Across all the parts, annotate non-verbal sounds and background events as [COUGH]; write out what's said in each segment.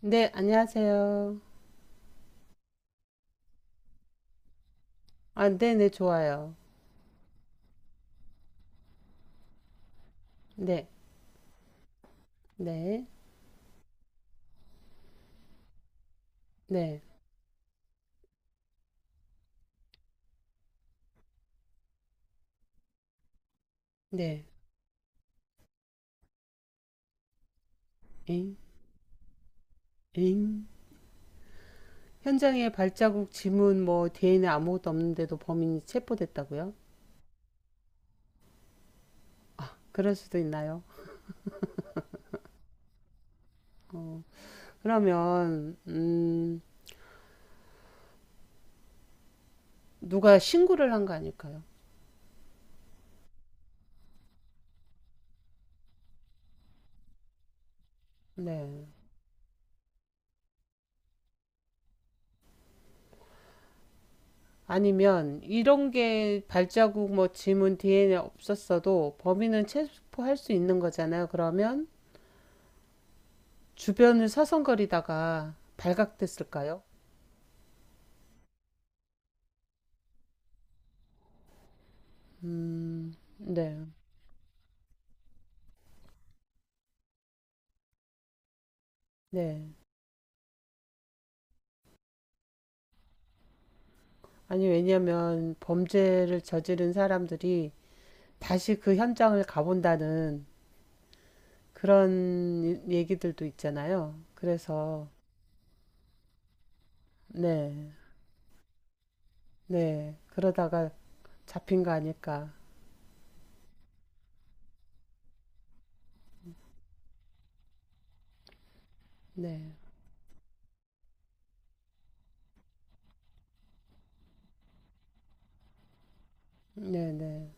네, 안녕하세요. 아, 네, 네, 좋아요. 네, 네, 네, 네. 잉, 잉. 현장에 발자국, 지문, 뭐, DNA 아무것도 없는데도 범인이 체포됐다고요? 그럴 수도 있나요? 어, 그러면, 누가 신고를 한 거 아닐까요? 네. 아니면, 이런 게 발자국, 뭐, 지문, DNA 없었어도 범인은 체포할 수 있는 거잖아요. 그러면, 주변을 서성거리다가 발각됐을까요? 음, 네, 네. 아니, 왜냐면 범죄를 저지른 사람들이 다시 그 현장을 가본다는 그런 얘기들도 있잖아요. 그래서, 네, 네. 그러다가 잡힌 거 아닐까. 네, 네, 네.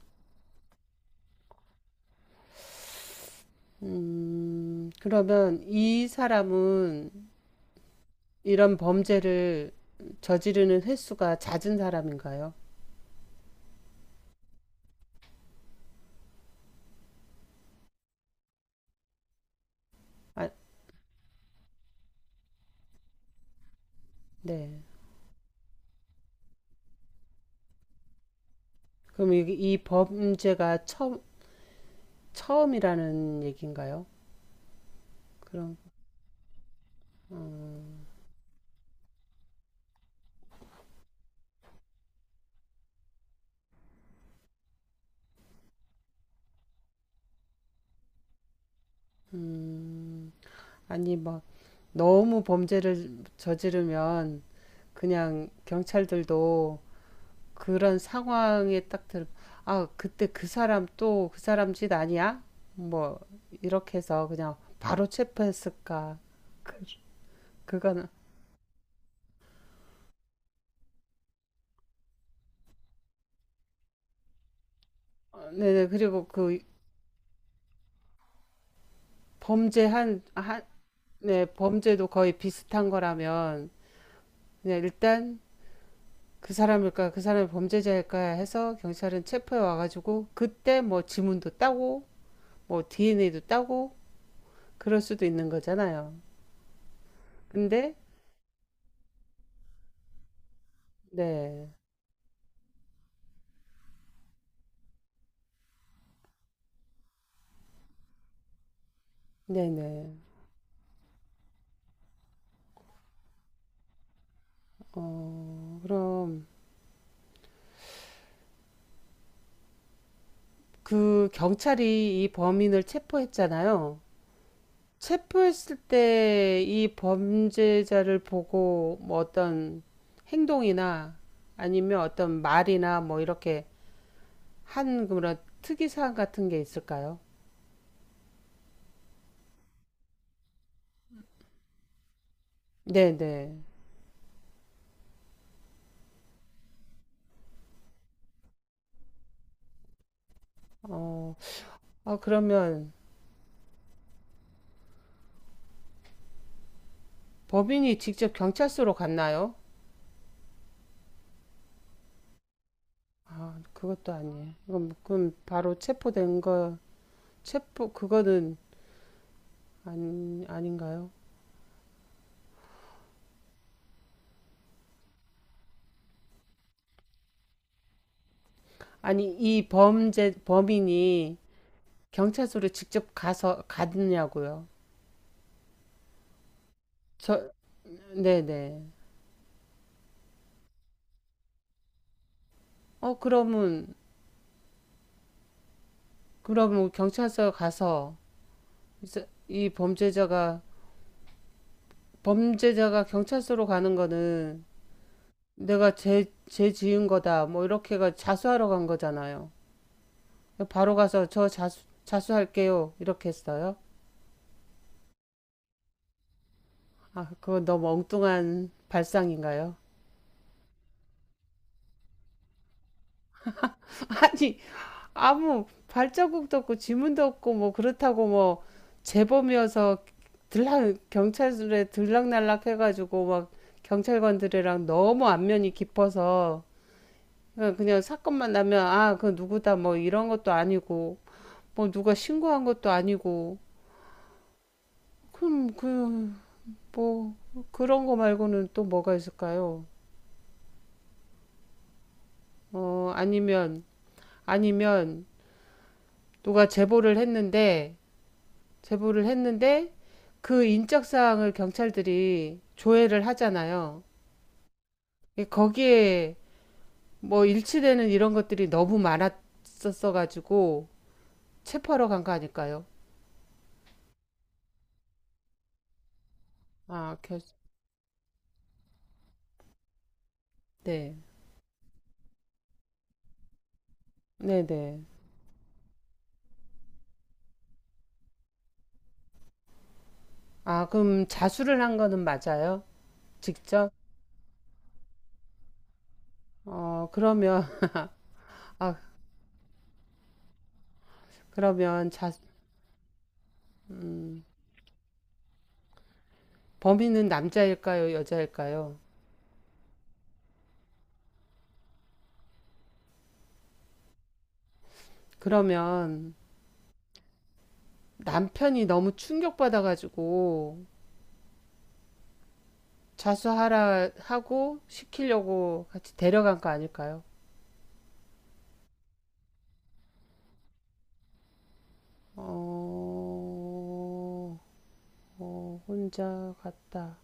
그러면 이 사람은 이런 범죄를 저지르는 횟수가 잦은 사람인가요? 아, 네. 그럼 이 범죄가 처음이라는 얘기인가요? 그럼 음, 음, 아니 막 너무 범죄를 저지르면 그냥 경찰들도 그런 상황에 딱 아 그때 그 사람 또 그 사람 짓 아니야? 뭐 이렇게 해서 그냥 바로 체포했을까? 그, 그거는 네네 그리고 그 범죄한 아, 네 범죄도 거의 비슷한 거라면 그냥 일단 그 사람일까 그 사람이 범죄자일까 해서 경찰은 체포해 와가지고 그때 뭐 지문도 따고 뭐 DNA도 따고 그럴 수도 있는 거잖아요. 근데 네, 네네. 어 그럼 그 경찰이 이 범인을 체포했잖아요. 체포했을 때 이 범죄자를 보고 뭐 어떤 행동이나 아니면 어떤 말이나 뭐 이렇게 한 그런 특이사항 같은 게 있을까요? 네네. 어, 아, 그러면 법인이 직접 경찰서로 갔나요? 아, 그것도 아니에요. 그럼, 그럼 바로 체포된 거, 체포, 그거는 아니, 아닌가요? 아니, 이 범죄, 범인이 경찰서로 직접 가서, 갔냐고요? 저, 네네. 어, 그러면, 그러면 경찰서 가서, 이제 이 범죄자가, 범죄자가 경찰서로 가는 거는 내가 죄, 죄 지은 거다, 뭐, 이렇게가 자수하러 간 거잖아요. 바로 가서 저 자수, 자수할게요. 이렇게 했어요. 아, 그건 너무 엉뚱한 발상인가요? [LAUGHS] 아니, 아무 발자국도 없고 지문도 없고 뭐 그렇다고 뭐 재범이어서 들락, 경찰에 들락날락 해가지고 막 경찰관들이랑 너무 안면이 깊어서 그냥, 그냥 사건만 나면 아, 그 누구다 뭐 이런 것도 아니고 뭐 누가 신고한 것도 아니고 그럼 그 뭐 그런 거 말고는 또 뭐가 있을까요? 어, 아니면, 아니면, 누가 제보를 했는데, 제보를 했는데, 그 인적사항을 경찰들이 조회를 하잖아요. 거기에 뭐 일치되는 이런 것들이 너무 많았었어가지고, 체포하러 간 거 아닐까요? 아, 결, 네. 네네. 아, 그럼 자수를 한 거는 맞아요? 직접? 어, 그러면, [LAUGHS] 아, 그러면 자, 음, 범인은 남자일까요? 여자일까요? 그러면, 남편이 너무 충격받아가지고 자수하라 하고 시키려고 같이 데려간 거 아닐까요? 어, 어, 혼자 갔다.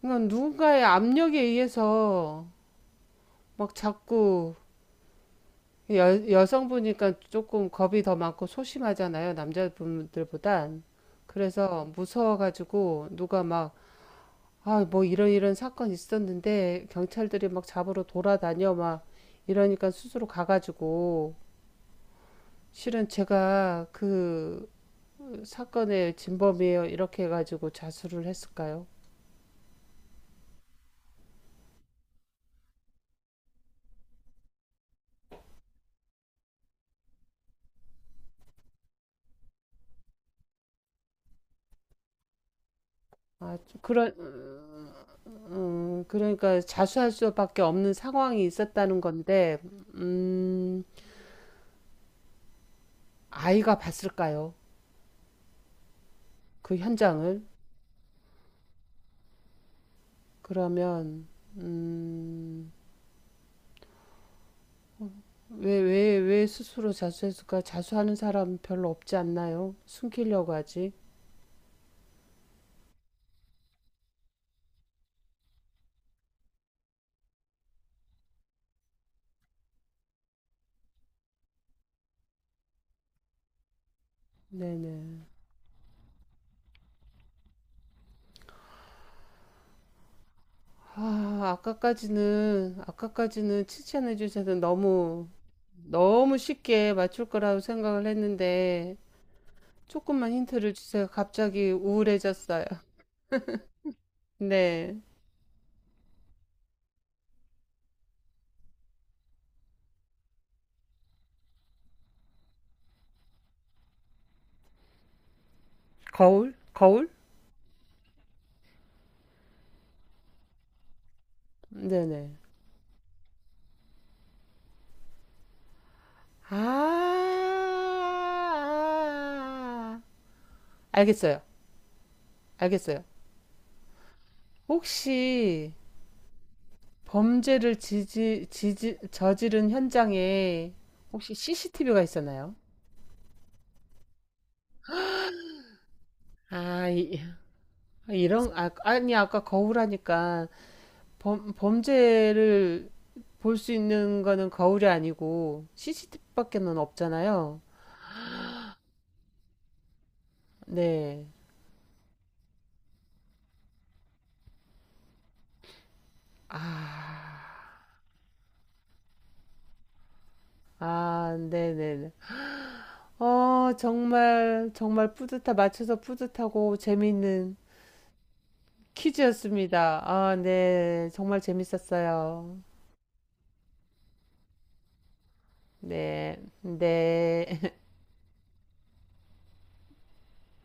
그러니까 누군가의 압력에 의해서 막 자꾸 여성분이니까 조금 겁이 더 많고 소심하잖아요. 남자분들보단. 그래서 무서워가지고 누가 막 아, 뭐 이런 이런 사건이 있었는데 경찰들이 막 잡으러 돌아다녀 막 이러니까 스스로 가가지고 실은 제가 그 사건의 진범이에요 이렇게 해가지고 자수를 했을까요? 아, 좀 그런 그러니까 자수할 수밖에 없는 상황이 있었다는 건데 음, 아이가 봤을까요? 그 현장을 그러면 음, 왜, 왜, 왜 스스로 자수했을까? 자수하는 사람 별로 없지 않나요? 숨기려고 하지. 네네. 아, 아까까지는, 아까까지는 칭찬해 주셔서 너무, 너무 쉽게 맞출 거라고 생각을 했는데, 조금만 힌트를 주세요. 갑자기 우울해졌어요. 네. 거울? 거울? 네네. 아, 아, 아. 아. 알겠어요. 알겠어요. 혹시 범죄를 저지른 현장에 혹시 CCTV가 있었나요? 아, 이, 런 아, 아니, 아까 거울 하니까 범죄를 볼 수 있는 거는 거울이 아니고 CCTV밖에는 없잖아요. 네. 아, 아, 네네네. 어, 정말 맞춰서 뿌듯하고 재미있는 퀴즈였습니다. 아, 네. 정말 재밌었어요. 네, 네.